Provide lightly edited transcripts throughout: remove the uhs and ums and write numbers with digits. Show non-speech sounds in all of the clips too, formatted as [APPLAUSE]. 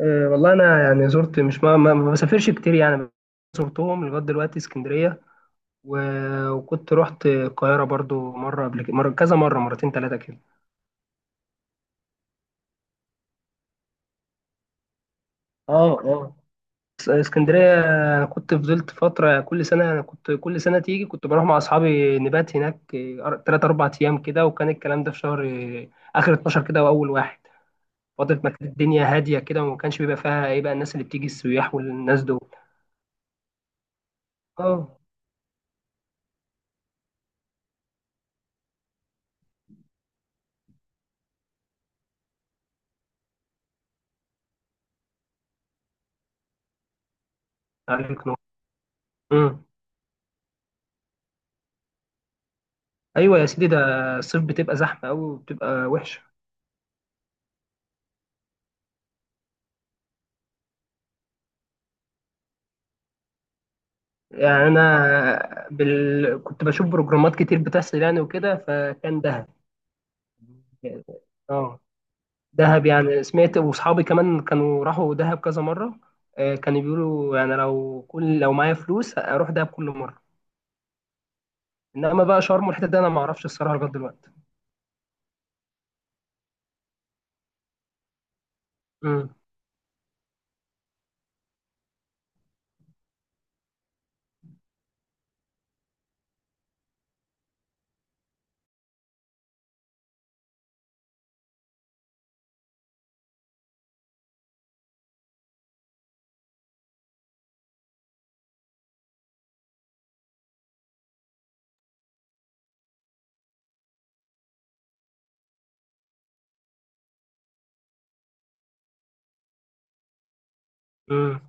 أه، والله انا يعني زرت مش ما, ما ما بسافرش كتير يعني. زرتهم لغايه دلوقتي اسكندريه و... وكنت رحت القاهره برضو مره قبل كده، مره كذا مره مرتين ثلاثه كده. اه، اه، اسكندريه. أنا كنت فضلت فتره، كل سنه تيجي كنت بروح مع اصحابي نبات هناك ثلاث اربع ايام كده. وكان الكلام ده في شهر اخر 12 كده واول واحد، فتره ما كانت الدنيا هاديه كده وما كانش بيبقى فيها ايه بقى، الناس اللي بتيجي السياح والناس دول. اه، عليك نور. ايوه يا سيدي، ده الصيف بتبقى زحمه قوي وبتبقى وحشه. يعني انا كنت بشوف بروجرامات كتير بتحصل يعني وكده، فكان دهب. اه، دهب يعني سمعت، واصحابي كمان كانوا راحوا دهب كذا مره. آه، كانوا بيقولوا يعني لو معايا فلوس اروح دهب كل مره. انما بقى شرم والحته دي انا ما اعرفش الصراحه لغايه دلوقتي. امم. امم.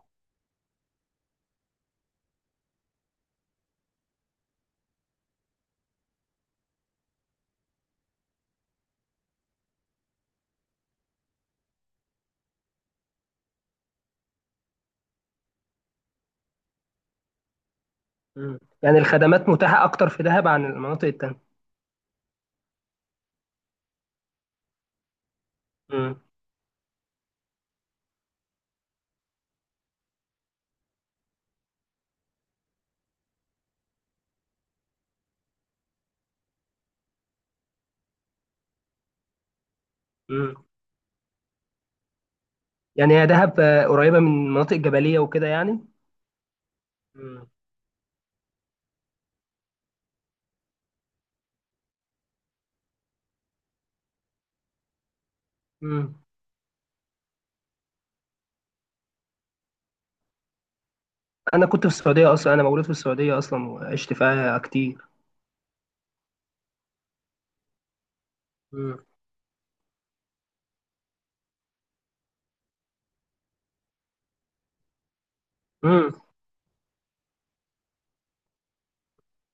امم. يعني الخدمات متاحه اكتر في دهب عن المناطق التانيه. امم. امم. يعني هي دهب قريبه من مناطق جبليه وكده يعني. مم. انا كنت في السعوديه اصلا، انا مولود في السعوديه اصلا وعشت فيها كتير. مم. مم.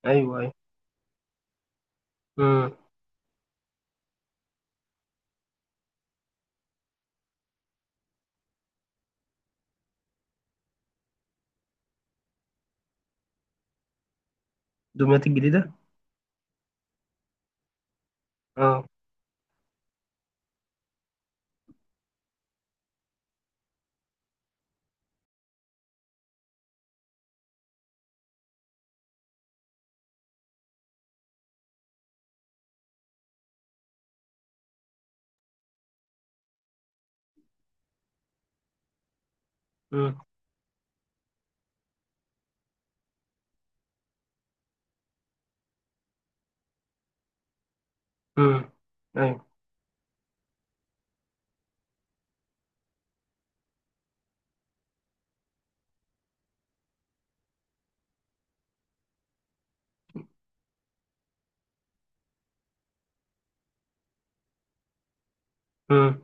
ايوه، ايوه. مم. دمياط الجديده. اه. مم. مم. ايوه. مم.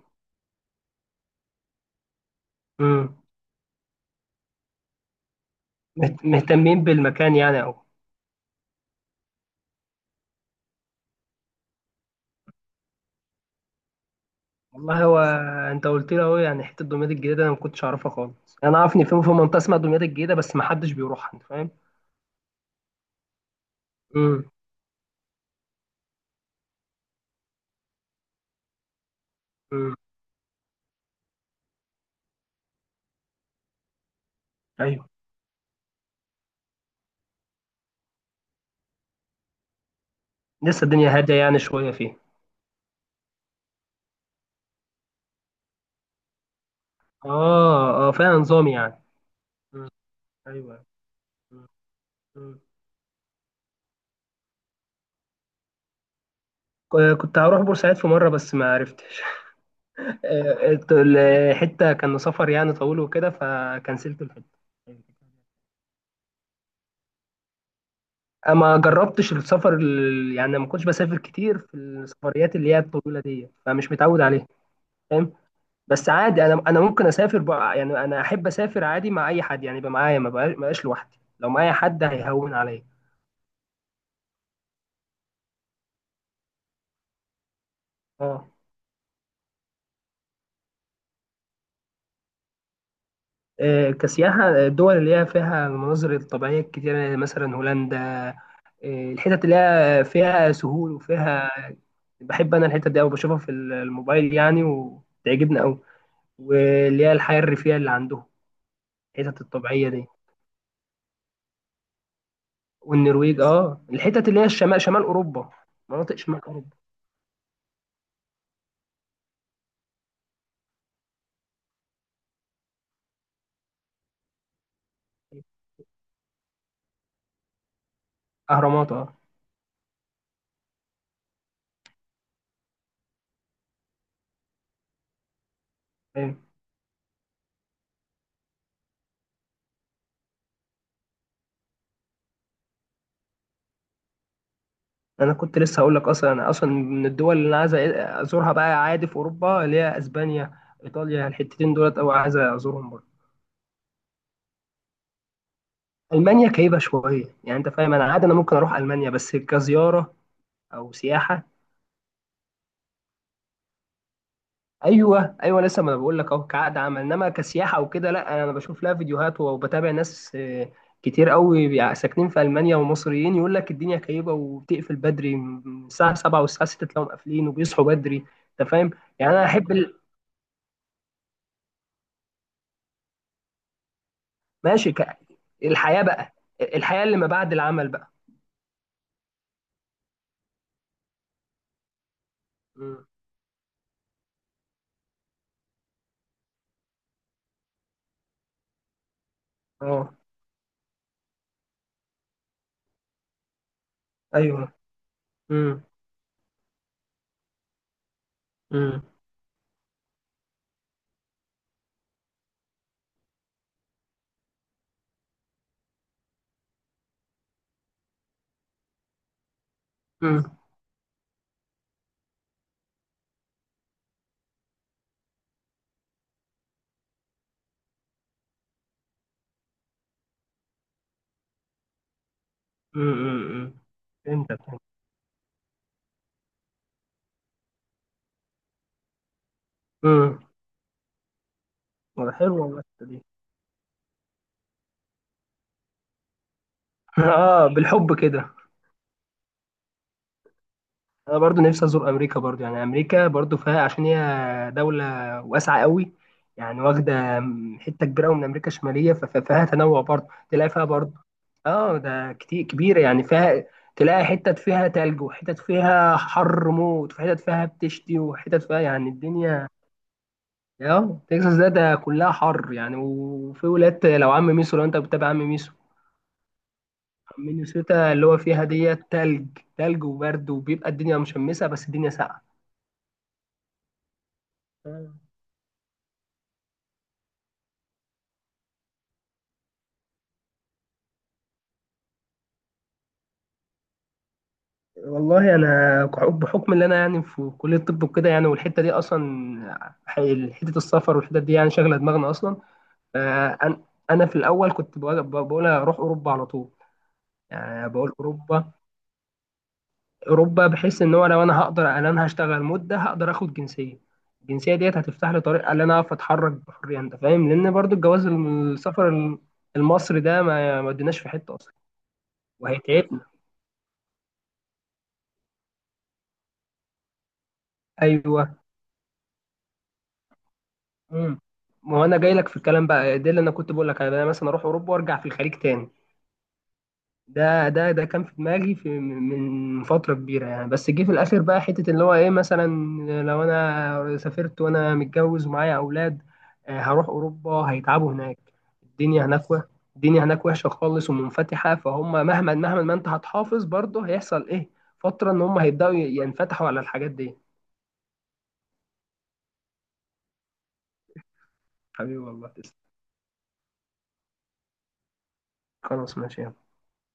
مم. مهتمين بالمكان يعني أوي. والله هو، انت قلت لي اهو، يعني حته دمياط الجديده انا ما كنتش اعرفها خالص. انا اعرف ان في منطقه اسمها دمياط الجديده بس ما حدش بيروحها، انت فاهم. مم. مم. ايوه. لسه الدنيا هاديه يعني شويه فيها. اه، اه، فيها نظام يعني. مم. ايوه. مم. كنت هروح بورسعيد في مرة بس ما عرفتش. [LAUGHS] الحتة كان سفر يعني طويل وكده، فكنسلت الحتة. آه، ما جربتش يعني ما كنتش بسافر كتير في السفريات اللي هي الطويله دي، فمش متعود عليها. فاهم. بس عادي، انا ممكن اسافر بقى، يعني انا احب اسافر عادي مع اي حد يعني يبقى معايا، ما بقاش لوحدي، لو معايا حد هيهون عليا. اه. آه، كسياحه الدول اللي هي فيها المناظر الطبيعيه الكتير، مثلا هولندا. إيه، الحتت اللي هي فيها سهول وفيها. بحب انا الحتت دي أوي، بشوفها في الموبايل يعني وتعجبني أوي، واللي هي الحياة الريفية اللي عندهم، الحتت الطبيعية دي. والنرويج، الحتت اللي هي الشمال، شمال أوروبا، مناطق شمال أوروبا. أهرامات، اه. أيوة. انا كنت لسه هقول لك اصلا، انا اصلا من الدول اللي انا عايز ازورها بقى عادي في اوروبا اللي هي اسبانيا، ايطاليا، الحتتين دولت او عايز ازورهم برضه. المانيا كئيبه شويه يعني، انت فاهم. انا عادي انا ممكن اروح المانيا بس كزياره او سياحه. ايوه، ايوه، لسه ما انا بقول لك اهو كعقد عمل، انما كسياحه وكده لا، انا بشوف لها فيديوهات وبتابع ناس كتير قوي ساكنين في المانيا ومصريين، يقول لك الدنيا كئيبه وبتقفل بدري من الساعه 7 والساعه 6 تلاقيهم قافلين وبيصحوا بدري. انت فاهم. يعني انا احب. ماشي. الحياه بقى الحياه اللي ما بعد العمل بقى. مم. اه، ايوه. امم. امم. امم. امم. فهمتك. امم. حلو والله الحتة دي. [LAUGHS] اه، بالحب كده. انا برضو نفسي ازور امريكا، برضو يعني امريكا برضو فيها عشان هي دولة واسعة قوي، يعني واخدة حتة كبيرة قوي من امريكا الشمالية، فيها تنوع برضو، تلاقي فيها برضو. اه، ده كتير كبيرة يعني، فيها تلاقي حتت فيها تلج وحتت فيها حر موت وحتت فيها بتشتي وحتت فيها يعني الدنيا. اه، تكساس ده كلها حر يعني، وفي ولاد لو عم ميسو، لو انت بتتابع عم ميسو. مينيسوتا اللي هو فيها ديت تلج، تلج وبرد وبيبقى الدنيا مشمسة بس الدنيا ساقعة. والله انا بحكم ان انا يعني في كليه الطب وكده يعني، والحته دي اصلا حته السفر، والحتت دي يعني شغله دماغنا اصلا. آه، أن- انا في الاول كنت بقول اروح اوروبا على طول، يعني بقول اوروبا. اوروبا بحيث ان هو لو انا هقدر ان انا هشتغل مده هقدر اخد جنسيه، الجنسيه ديت هتفتح لي طريق ان انا اعرف اتحرك بحريه، انت فاهم، لان برضو الجواز السفر المصري ده ما اديناش في حته اصلا، وهيتعبنا. ايوه. امم. ما هو انا جاي لك في الكلام بقى، ده اللي انا كنت بقول لك، انا مثلا اروح اوروبا وارجع في الخليج تاني. ده كان في دماغي في من فتره كبيره يعني، بس جه في الاخر بقى حته اللي هو ايه مثلا، لو انا سافرت وانا متجوز ومعايا اولاد، هروح اوروبا هيتعبوا هناك. الدنيا هناك وه- الدنيا هناك وحشه خالص ومنفتحه، فهم مهما مهما ما انت هتحافظ برضه، هيحصل ايه، فتره ان هم هيبداوا ينفتحوا على الحاجات دي. حبيبي والله، تسلم. خلاص ماشي.